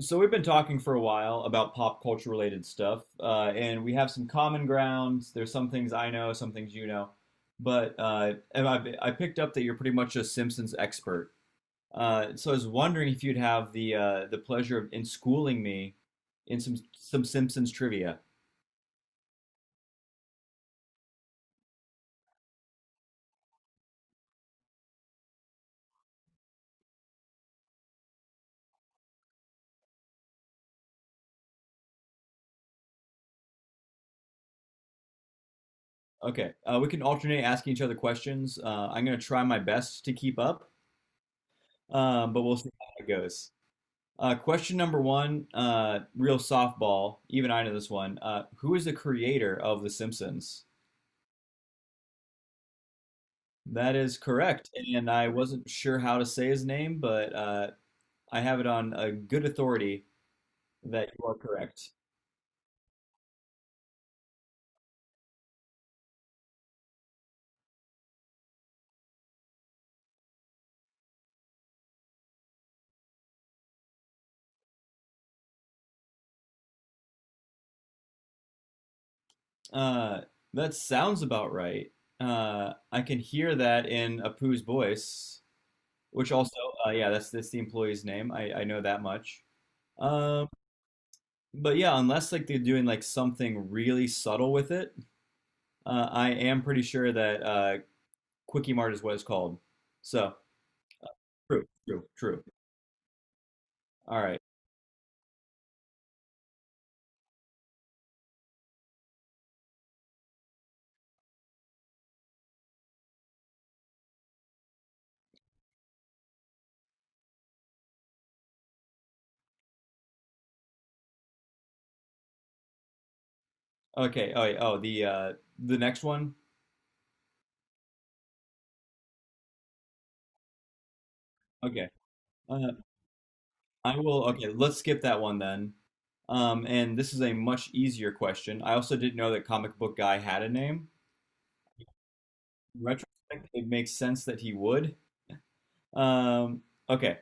So we've been talking for a while about pop culture related stuff, and we have some common grounds. There's some things I know, some things you know, but I picked up that you're pretty much a Simpsons expert. So I was wondering if you'd have the pleasure of in schooling me in some Simpsons trivia. Okay, we can alternate asking each other questions. I'm gonna try my best to keep up, but we'll see how it goes. Question number one, real softball. Even I know this one. Who is the creator of The Simpsons? That is correct, and I wasn't sure how to say his name, but I have it on a good authority that you are correct. Uh, that sounds about right. I can hear that in Apu's voice, which also, yeah, that's the employee's name. I know that much. Um, but yeah, unless like they're doing like something really subtle with it, I am pretty sure that Quickie Mart is what it's called. So true, true, true. All right. Okay. Oh, yeah. Oh, the next one. Okay. Uh, I will. Okay, let's skip that one then. And this is a much easier question. I also didn't know that Comic Book Guy had a name. In retrospect, it makes sense that he would. Um, okay.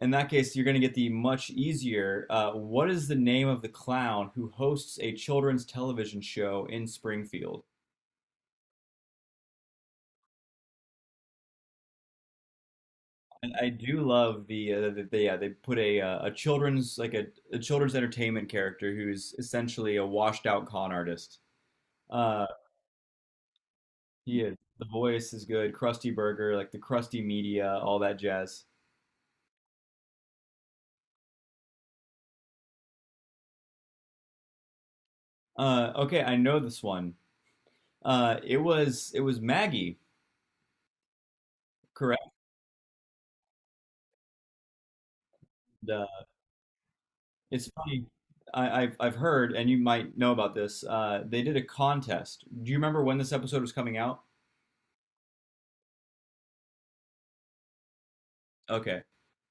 In that case, you're going to get the much easier. What is the name of the clown who hosts a children's television show in Springfield? And I do love the, the yeah they put a children's like a children's entertainment character who's essentially a washed out con artist. Uh, he is. The voice is good. Krusty Burger, like the Krusty media, all that jazz. Okay, I know this one. It was Maggie, correct? Uh, it's funny. I've heard, and you might know about this. They did a contest. Do you remember when this episode was coming out? Okay.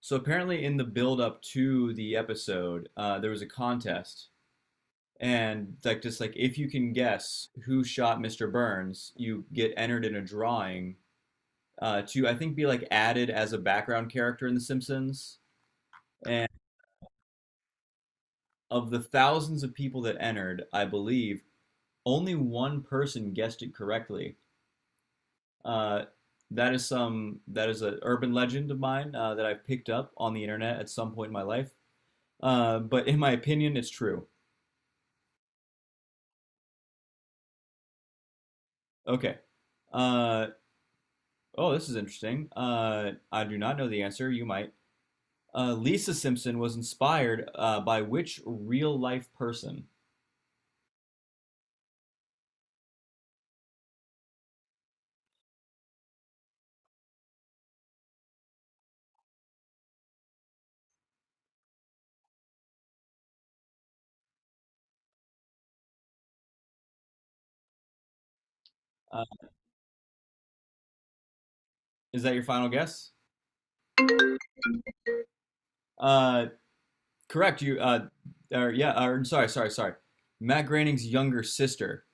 So apparently in the build up to the episode, there was a contest and like just like if you can guess who shot Mr. Burns, you get entered in a drawing to I think be like added as a background character in The Simpsons. And of the thousands of people that entered, I believe only one person guessed it correctly. Uh, that is an urban legend of mine that I picked up on the internet at some point in my life. But in my opinion, it's true. Okay. Uh, oh, this is interesting. I do not know the answer. You might. Lisa Simpson was inspired by which real life person? Uh, is that your final guess? Uh, Correct. You. Yeah. Or, sorry. Sorry. Sorry. Matt Groening's younger sister.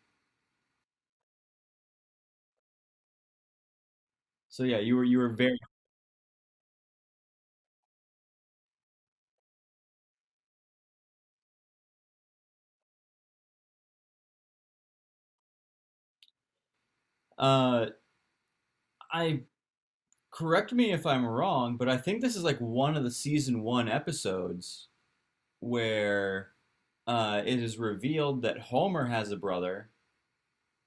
So yeah, you were very. Uh, I correct me if I'm wrong, but I think this is like one of the season one episodes where it is revealed that Homer has a brother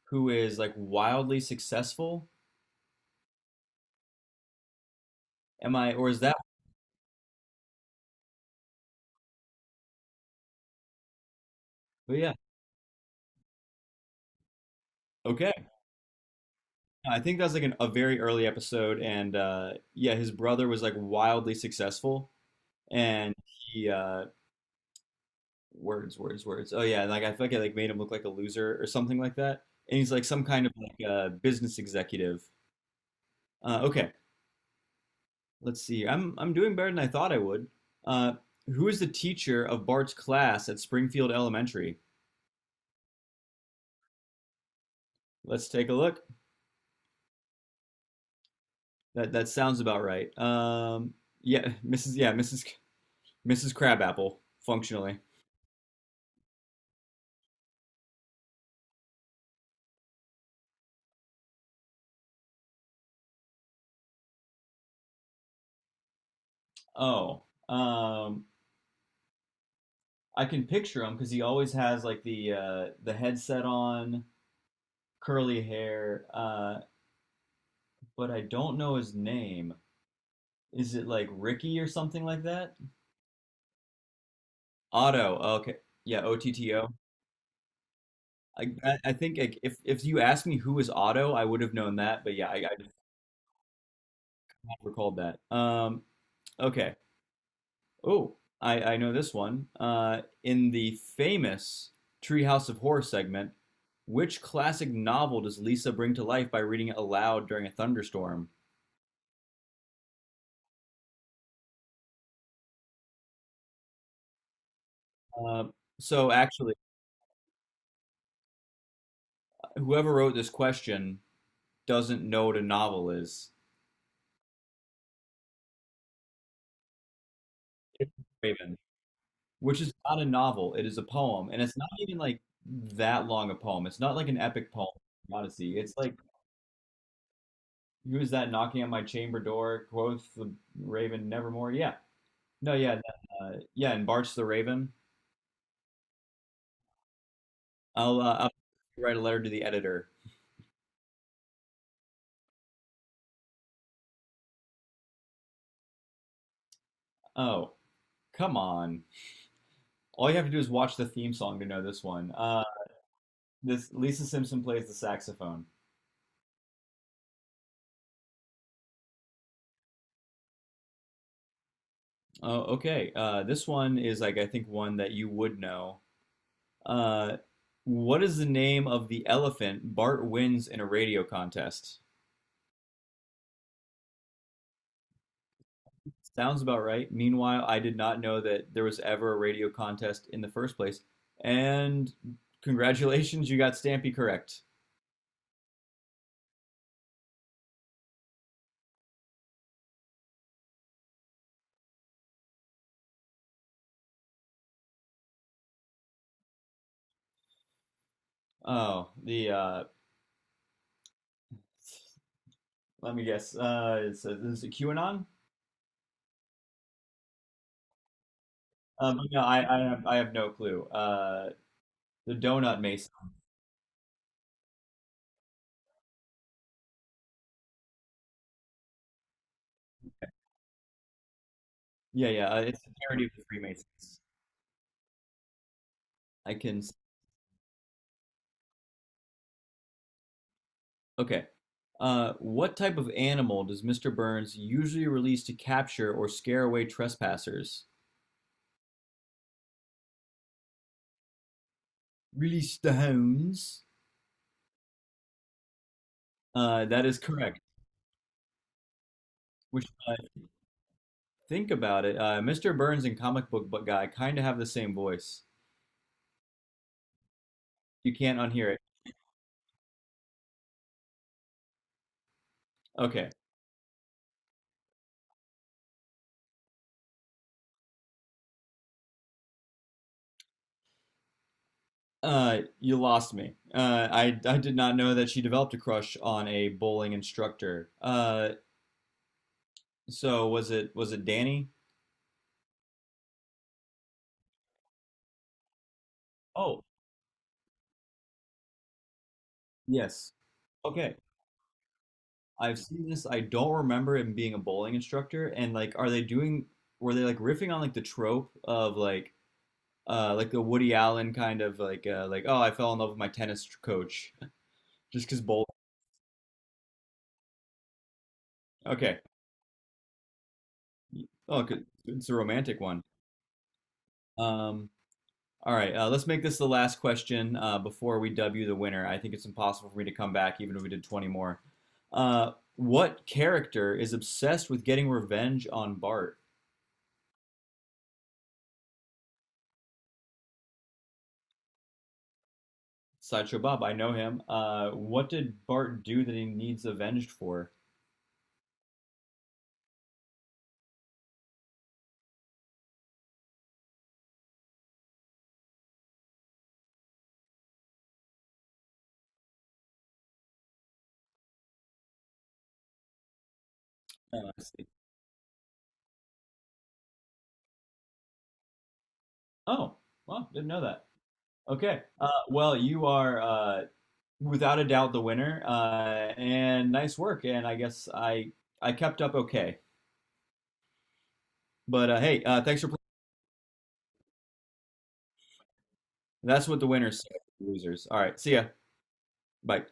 who is like wildly successful? Am I, or is that? But yeah, okay. No, I think that's like an, a very early episode, and yeah, his brother was like wildly successful, and he words, words, words. Oh yeah, and like I feel like it like made him look like a loser or something like that. And he's like some kind of like business executive. Okay, let's see. I'm doing better than I thought I would. Uh, who is the teacher of Bart's class at Springfield Elementary? Let's take a look. That sounds about right. Yeah, Mrs. Crabapple, functionally. Oh, um, I can picture him because he always has like the headset on, curly hair. But I don't know his name. Is it like Ricky or something like that? Otto. Okay. Yeah, Otto. I think like, if you asked me who is Otto, I would have known that. But yeah, I just recalled that. Okay. Oh, I know this one. In the famous Treehouse of Horror segment, which classic novel does Lisa bring to life by reading it aloud during a thunderstorm? Uh, actually, whoever wrote this question doesn't know what a novel is. It's Raven, which is not a novel. It is a poem, and it's not even like that long a poem. It's not like an epic poem, Odyssey. It's like who is that knocking on my chamber door? Quoth the Raven, nevermore. Yeah, no, yeah, that, yeah, and Bart's the Raven. I'll write a letter to the editor. Oh, come on! All you have to do is watch the theme song to know this one. This Lisa Simpson plays the saxophone. Oh, okay. This one is like I think one that you would know. Uh, what is the name of the elephant Bart wins in a radio contest? Sounds about right. Meanwhile, I did not know that there was ever a radio contest in the first place. And congratulations, you got Stampy correct. Oh, the let me guess. It's is it QAnon? No, I have no clue. The Donut Mason. Yeah, yeah. It's the parody of the Freemasons. I can. s- Okay. What type of animal does Mr. Burns usually release to capture or scare away trespassers? Release the hounds. That is correct. Which, think about it, Mr. Burns and comic book guy kind of have the same voice. You can't unhear it. Okay. You lost me. I I did not know that she developed a crush on a bowling instructor. So was it Danny? Oh, yes. Okay. I've seen this. I don't remember him being a bowling instructor. And like, are they doing? Were they like riffing on like the trope of like the Woody Allen kind of like oh I fell in love with my tennis coach just because bowling. Okay. Oh, good. It's a romantic one. Um, All right, let's make this the last question before we dub you the winner. I think it's impossible for me to come back, even if we did 20 more. What character is obsessed with getting revenge on Bart? Sideshow Bob, I know him. What did Bart do that he needs avenged for? Oh, I see. Oh, well, didn't know that. Okay. Well, you are without a doubt the winner, and nice work. And I guess I kept up okay. But hey, thanks for playing. That's what the winners say, losers. All right, see ya. Bye.